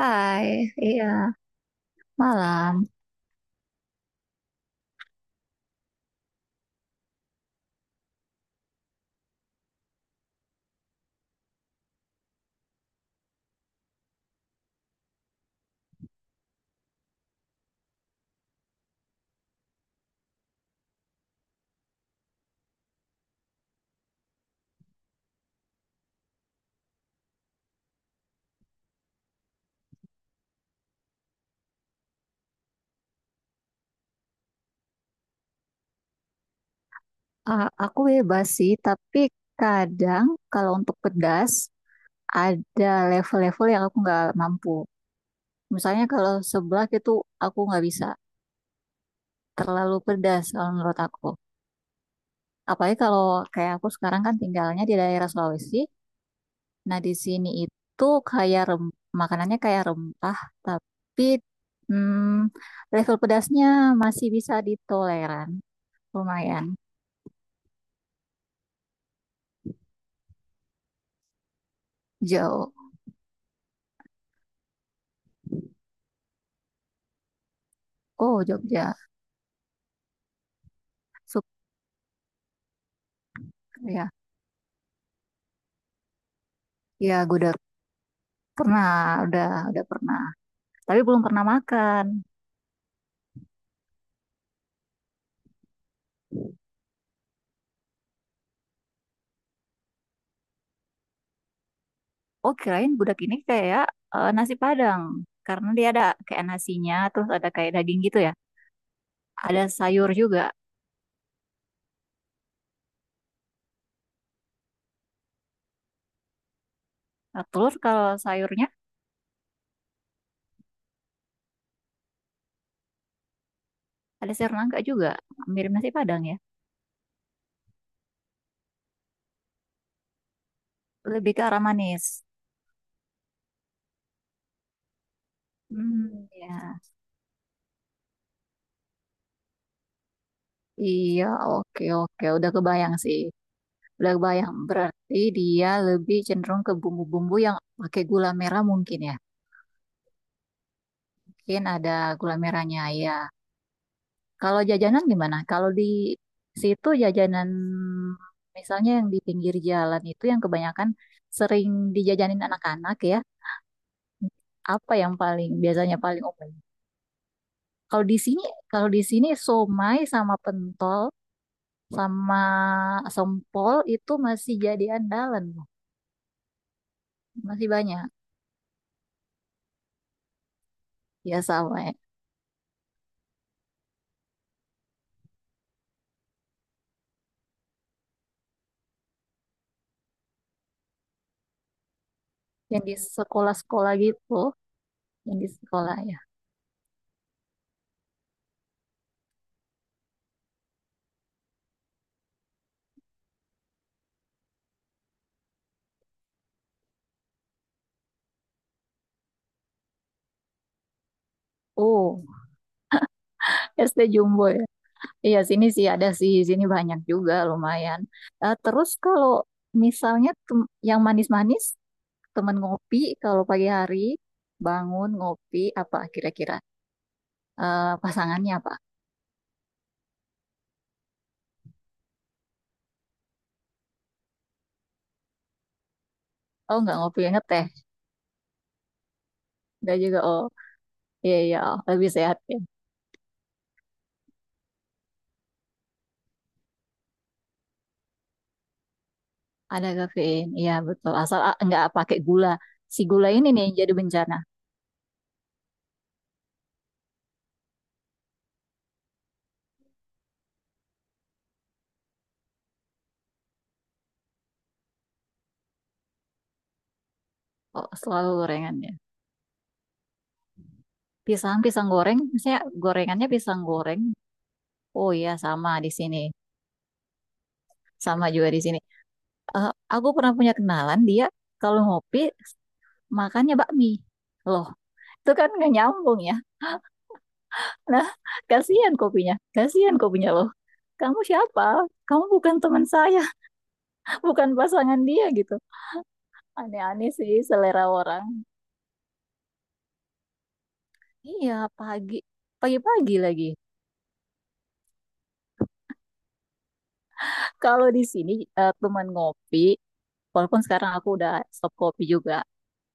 Hai, iya, malam. Aku bebas sih, tapi kadang kalau untuk pedas ada level-level yang aku nggak mampu. Misalnya kalau seblak itu aku nggak bisa, terlalu pedas kalau menurut aku. Apalagi kalau kayak aku sekarang kan tinggalnya di daerah Sulawesi. Nah, di sini itu kayak makanannya kayak rempah, tapi hmm, level pedasnya masih bisa ditoleran, lumayan jauh. Oh, Jogja. Ya, ya gue udah pernah, udah udah pernah. Tapi belum pernah makan. Oh, kirain gudeg ini kayak nasi Padang. Karena dia ada kayak nasinya, terus ada kayak daging gitu ya. Ada sayur juga. Nah, telur kalau sayurnya ada sayur nangka juga. Mirip nasi Padang ya. Lebih ke arah manis. Hmm, ya. Iya, oke oke. Udah kebayang sih. Udah kebayang. Berarti dia lebih cenderung ke bumbu-bumbu yang pakai gula merah mungkin ya. Mungkin ada gula merahnya ya. Kalau jajanan gimana? Kalau di situ jajanan misalnya yang di pinggir jalan itu yang kebanyakan sering dijajanin anak-anak ya. Apa yang paling biasanya paling umum? Kalau di sini, kalau di sini somai sama pentol sama sempol itu masih jadi andalan, Bu. Masih banyak ya sama ya. Yang di sekolah-sekolah gitu, yang di sekolah ya. Oh, SD Jumbo ya. Iya, sini sih ada sih, sini banyak juga lumayan. Terus kalau misalnya yang manis-manis, temen ngopi kalau pagi hari bangun ngopi apa kira-kira. Pasangannya apa? Oh nggak ngopi ngeteh, nggak juga oh iya iya oh, lebih sehat ya. Ada kafein, iya betul. Asal nggak pakai gula. Si gula ini nih yang jadi bencana. Oh selalu gorengannya. Pisang pisang goreng, misalnya gorengannya pisang goreng. Oh iya sama di sini, sama juga di sini. Eh, aku pernah punya kenalan dia kalau ngopi makannya bakmi. Loh, itu kan nggak nyambung ya. Nah, kasihan kopinya. Kasihan kopinya loh. Kamu siapa? Kamu bukan teman saya, bukan pasangan dia gitu. Aneh-aneh sih selera orang. Iya, pagi. Pagi-pagi lagi. Kalau di sini teman ngopi, walaupun sekarang aku udah stop kopi juga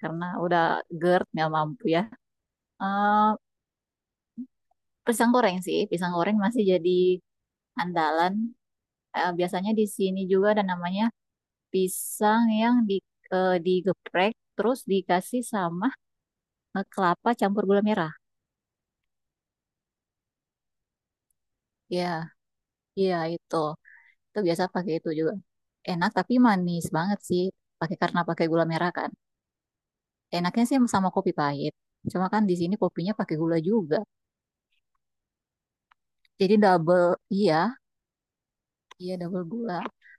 karena udah GERD nggak mampu ya. Eh, Pisang goreng sih, pisang goreng masih jadi andalan. Biasanya di sini juga ada namanya pisang yang di, digeprek terus dikasih sama kelapa campur gula merah. Ya, iya itu. Itu biasa pakai itu juga. Enak tapi manis banget sih pakai karena pakai gula merah kan. Enaknya sih sama kopi pahit. Cuma kan di sini kopinya pakai gula juga. Jadi double, iya, iya double gula.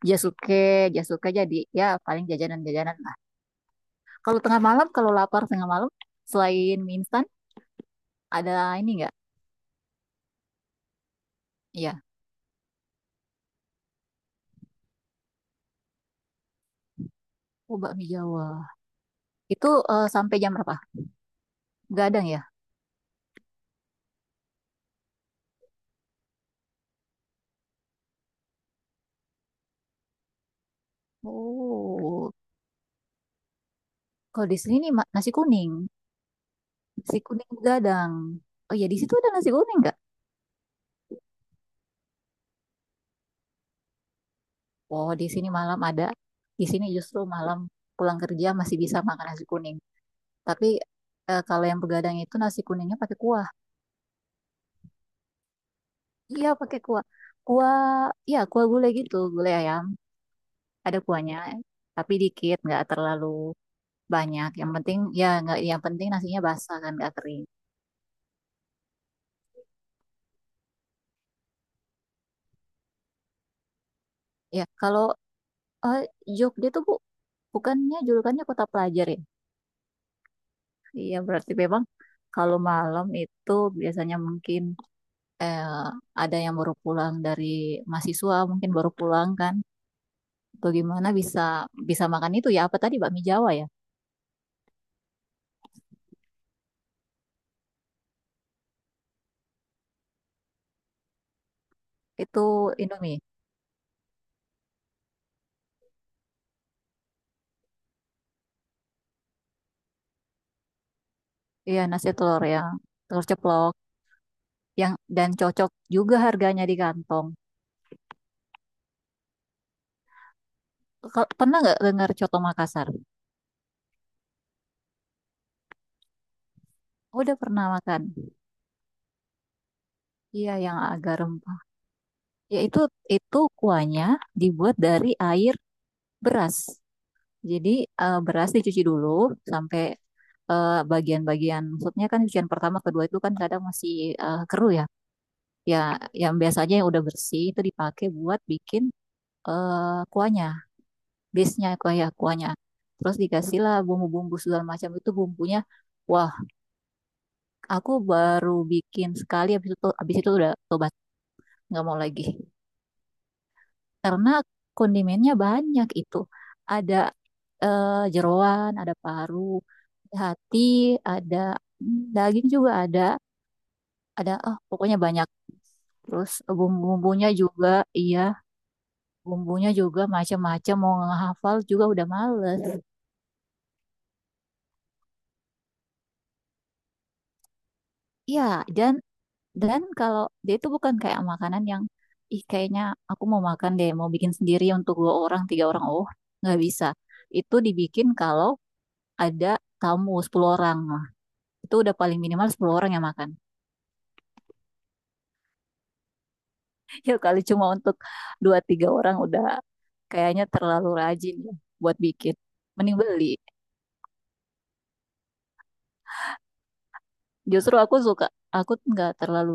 Jasuke, jasuke jadi ya paling jajanan-jajanan lah. Kalau tengah malam, kalau lapar tengah malam, selain mie instan, ada ini nggak? Iya. Oh, bakmi Jawa. Itu sampai jam berapa? Gadang ya? Oh, kalau di sini nasi kuning. Nasi kuning gadang. Oh ya, di situ ada nasi kuning nggak? Oh, di sini malam ada. Di sini justru malam pulang kerja masih bisa makan nasi kuning. Tapi kalau yang begadang itu nasi kuningnya pakai kuah. Iya, pakai kuah. Kuah, ya kuah gulai gitu, gulai ayam. Ada kuahnya, tapi dikit, nggak terlalu banyak. Yang penting ya nggak, yang penting nasinya basah kan nggak kering. Ya, kalau Eh, Jogja tuh bu, bukannya julukannya kota pelajar ya? Iya berarti memang kalau malam itu biasanya mungkin eh, ada yang baru pulang dari mahasiswa mungkin baru pulang kan? Atau gimana bisa bisa makan itu ya? Apa tadi bakmi Jawa ya? Itu Indomie. Iya nasi telur yang telur ceplok yang dan cocok juga harganya di kantong. Pernah nggak dengar coto Makassar? Oh, udah pernah makan. Iya yang agak rempah. Ya itu kuahnya dibuat dari air beras. Jadi beras dicuci dulu sampai bagian-bagian maksudnya kan cucian pertama kedua itu kan kadang masih keruh ya. Ya yang biasanya yang udah bersih itu dipakai buat bikin kuahnya, base-nya kuah ya kuahnya. Terus dikasihlah bumbu-bumbu segala macam itu bumbunya. Wah, aku baru bikin sekali habis itu udah tobat, nggak mau lagi. Karena kondimennya banyak itu. Ada jeroan, ada paru, ada hati, ada daging juga ada oh pokoknya banyak. Terus bumbu-bumbunya juga, iya, bumbunya juga macam-macam mau ngehafal juga udah males. Iya, dan dan kalau dia itu bukan kayak makanan yang ih kayaknya aku mau makan deh, mau bikin sendiri untuk dua orang, tiga orang. Oh, nggak bisa. Itu dibikin kalau ada tamu 10 orang. Itu udah paling minimal 10 orang yang makan. Ya kali cuma untuk dua tiga orang udah kayaknya terlalu rajin ya buat bikin. Mending beli. Justru aku suka, aku nggak terlalu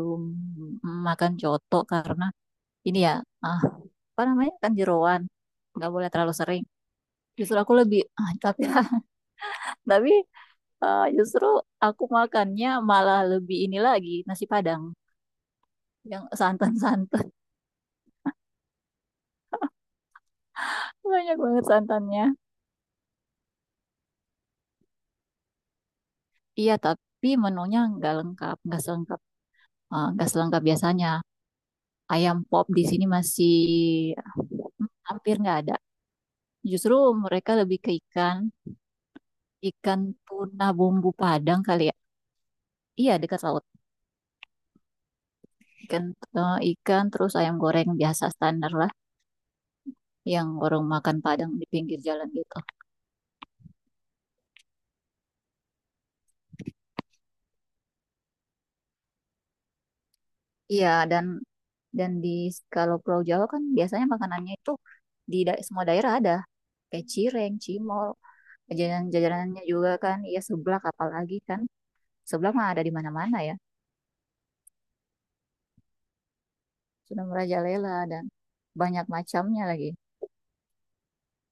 makan coto karena ini ya, ah, apa namanya kan jeroan. Nggak boleh terlalu sering. Justru aku lebih, ah, tapi tapi ah, justru aku makannya malah lebih ini lagi, nasi Padang. Yang santan-santan. Banyak banget santannya. Iya, tapi menunya nggak lengkap, nggak selengkap Eh, nggak selengkap biasanya. Ayam pop di sini masih hampir nggak ada. Justru mereka lebih ke ikan, ikan tuna bumbu Padang kali ya. Iya dekat laut. Ikan, ikan terus ayam goreng biasa standar lah, yang orang makan Padang di pinggir jalan gitu. Iya dan di kalau Pulau Jawa kan biasanya makanannya itu semua daerah ada kayak cireng, cimol, jajanan-jajanannya juga kan, ya seblak apalagi kan, seblak mah ada di mana-mana ya. Sudah merajalela dan banyak macamnya lagi.